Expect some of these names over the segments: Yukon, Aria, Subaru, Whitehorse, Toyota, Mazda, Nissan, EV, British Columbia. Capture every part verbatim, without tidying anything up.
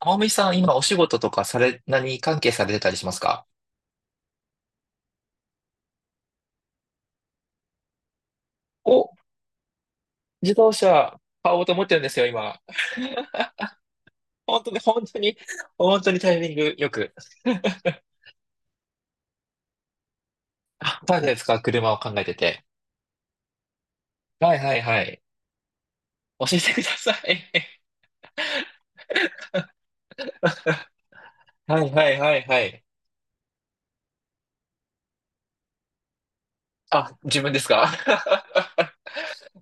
天海さん、今お仕事とかされ、何関係されてたりしますか？お、自動車買おうと思ってるんですよ、今。本当に、本当に、本当にタイミングよく。あ、誰ですか、車を考えてて。はいはいはい。教えてください。はいはいはいはい。あ、自分ですか？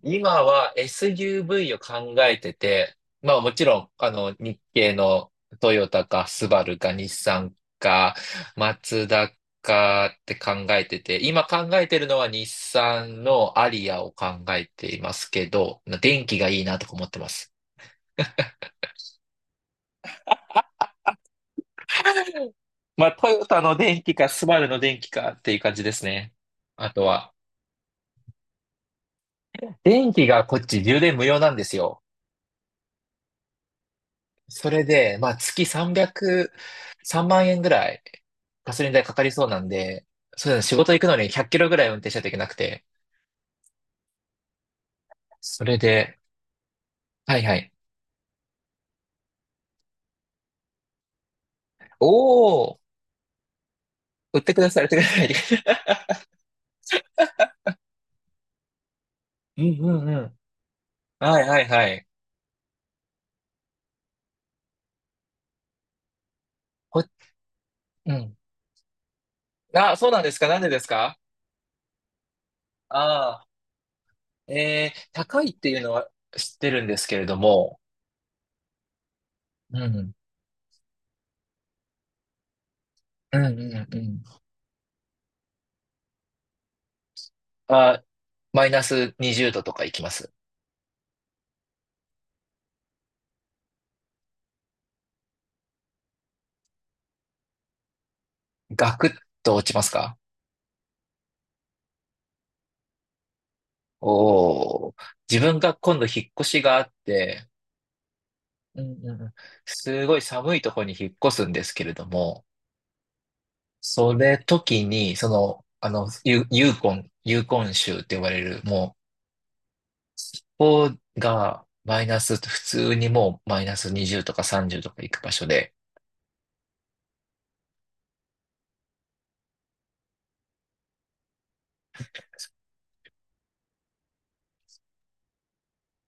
今は エスユーブイ を考えてて、まあもちろん、あの、日系のトヨタかスバルか日産かマツダかって考えてて、今考えてるのは日産のアリアを考えていますけど、電気がいいなとか思ってます。まあトヨタの電気かスバルの電気かっていう感じですね。あとは、電気がこっち充電無料なんですよ。それで、まあ、月さんびゃく、さんまん円ぐらいガソリン代かかりそうなんで、そうだね、仕事行くのにひゃっキロぐらい運転しないといけなくて、それで、はいはい。おー、売ってください、売ってください。うんうんうん。はいはいはい。ほ、うん。あ、そうなんですか、なんでですか？ああー、えー、高いっていうのは知ってるんですけれども、うん、うんうんうん。あ、マイナスにじゅうどとか行きます。ガクッと落ちますか？おー、自分が今度引っ越しがあって、うんうんうん、すごい寒いところに引っ越すんですけれども、それ時に、その、あの、ユ、ユーコン、ユーコン州って呼ばれる、もう、ここがマイナス、普通にもうマイナスにじゅうとかさんじゅうとか行く場所で、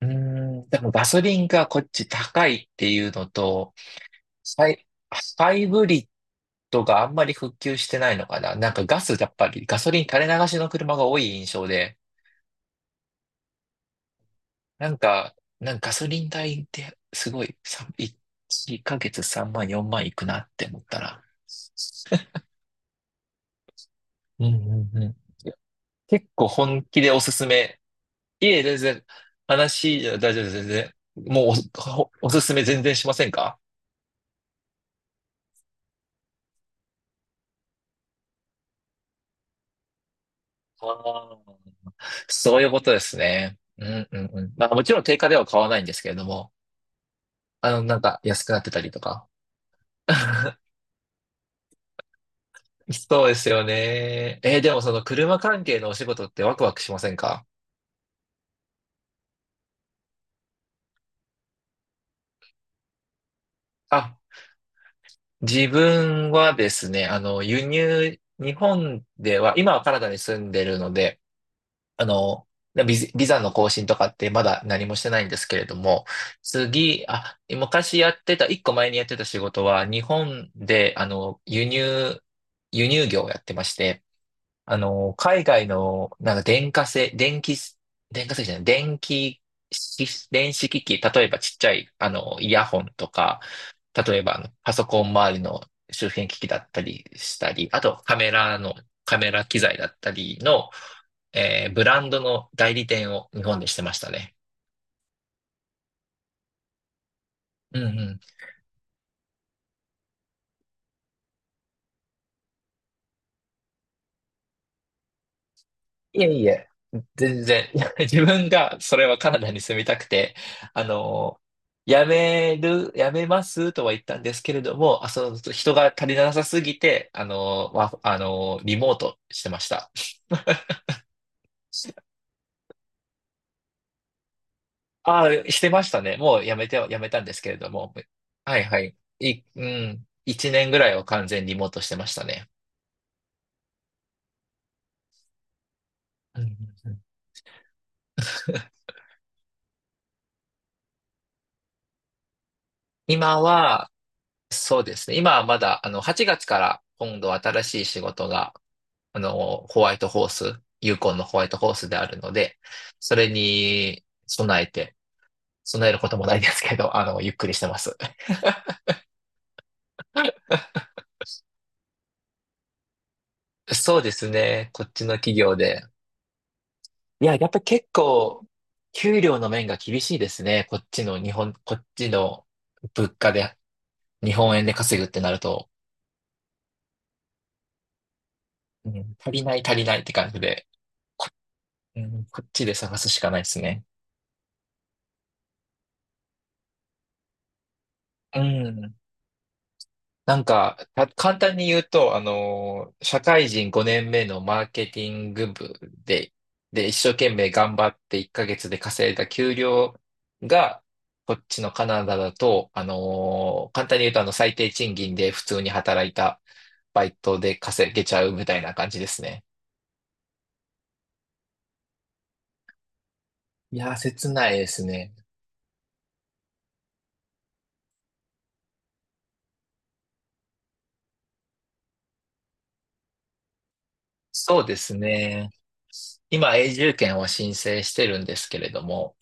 うーん、でもガソリンがこっち高いっていうのと、サイ、ハイブリッドがあんまり復旧してないのかななんかガス、やっぱりガソリン垂れ流しの車が多い印象で、なんか、なんかガソリン代ってすごい、さいっかげつさんまん、よんまんいくなって思ったら。うんうんうん。結構本気でおすすめ。いえ、全然、話じゃ大丈夫です、全然。もうお、おすすめ全然しませんか？ああー。そういうことですね。うんうんうん。まあもちろん定価では買わないんですけれども、あの、なんか安くなってたりとか。そうですよね。えーでもその車関係のお仕事ってワクワクしませんか？あ、自分はですね、あの、輸入、日本では、今はカナダに住んでるので、あの、ビザ、ビザの更新とかってまだ何もしてないんですけれども、次、あ、昔やってた、一個前にやってた仕事は、日本で、あの、輸入、輸入業をやってまして、あの、海外の、なんか電化製、電気、電化製じゃない、電気式、電子機器、例えばちっちゃい、あの、イヤホンとか、例えばあのパソコン周りの周辺機器だったりしたり、あとカメラの、カメラ機材だったりの、えーブランドの代理店を日本でしてましたね。うんうん。いえいえ、全然。自分がそれはカナダに住みたくて、あの、辞める、辞めますとは言ったんですけれども、あ、その人が足りなさすぎて、あの、わあの、リモートしてました。ああ、してましたね。もう辞めて、辞めたんですけれども。はいはい。い、うん。一年ぐらいは完全リモートしてましたね。うんうんうん。 今は、そうですね。今はまだ、あの、はちがつから今度新しい仕事があの、ホワイトホース、ユーコンのホワイトホースであるので、それに備えて、備えることもないですけど、あの、ゆっくりしてます。そうですね。こっちの企業で。いや、やっぱり結構、給料の面が厳しいですね。こっちの日本、こっちの物価で、日本円で稼ぐってなると、うん、足りない足りないって感じで、うん、こっちで探すしかないですね。うん。なんか、た簡単に言うと、あのー、社会人ごねんめのマーケティング部で、で、一生懸命頑張っていっかげつで稼いだ給料が、こっちのカナダだと、あのー、簡単に言うと、あの、最低賃金で普通に働いたバイトで稼げちゃうみたいな感じですね。いやー、切ないですね。そうですね。今、永住権を申請してるんですけれども、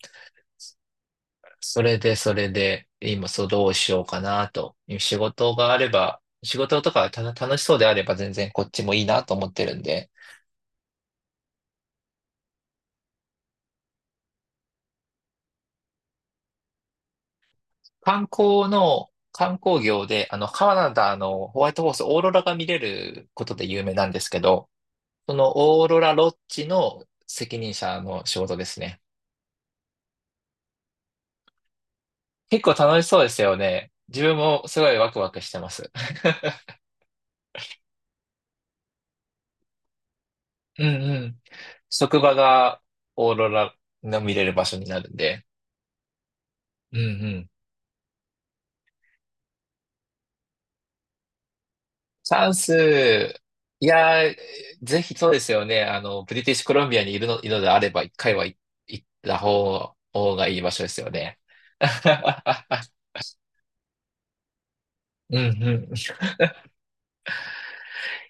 それで、それで、今、そう、どうしようかなと。仕事があれば、仕事とかた楽しそうであれば全然こっちもいいなと思ってるんで、観光の、観光業で、あの、カナダのホワイトホース、オーロラが見れることで有名なんですけど、そのオーロラロッジの責任者の仕事ですね。結構楽しそうですよね。自分もすごいワクワクしてます。うんうん。職場がオーロラの見れる場所になるんで。うんうん。サウス、いやー、ぜひそうですよね。あの、ブリティッシュコロンビアにいるの、いるのであれば、一回は行行った方、方がいい場所ですよね。うんうん。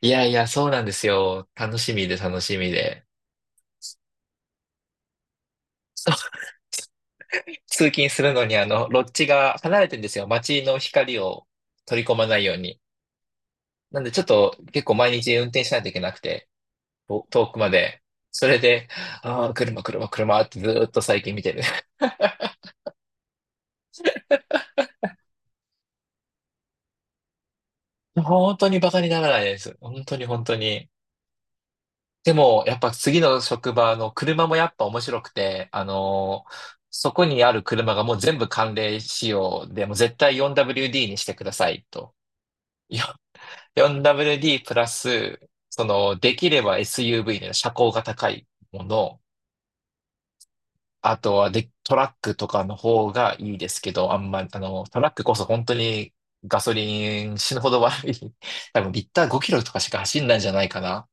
いやいや、そうなんですよ。楽しみで楽しみで。通勤するのに、あの、ロッジが離れてるんですよ。街の光を取り込まないように。なんで、ちょっと結構毎日運転しないといけなくて、遠くまで。それで、ああ、車、車、車ってずーっと最近見てる。本当にバカにならないです。本当に本当に。でも、やっぱ次の職場の車もやっぱ面白くて、あのーそこにある車がもう全部寒冷仕様で、もう絶対 よんダブリューディー にしてくださいと。よ よんダブリューディー プラス、その、できれば エスユーブイ の車高が高いもの、あとはで、トラックとかの方がいいですけど、あんま、あの、トラックこそ本当にガソリン死ぬほど悪い。多分リッターごキロとかしか走んないんじゃないかな。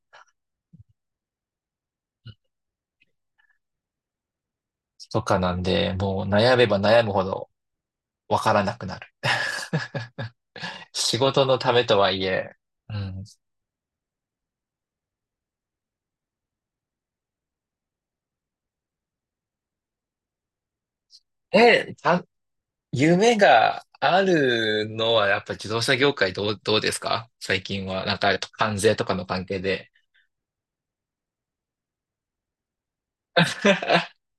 とかなんで、もう悩めば悩むほどわからなくなる。仕事のためとはいえ、うん。え、た夢があるのはやっぱ自動車業界どう、どうですか最近は？なんか関税とかの関係で。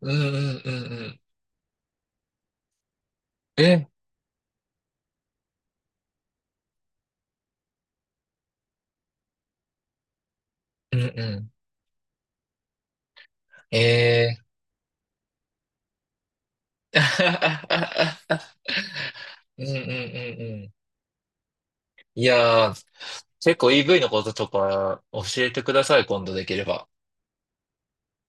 うんうんうんうん。え、うんうん。えー。うんうんうんうん。いやー、結構 イーブイ のこととか教えてください、今度できれば。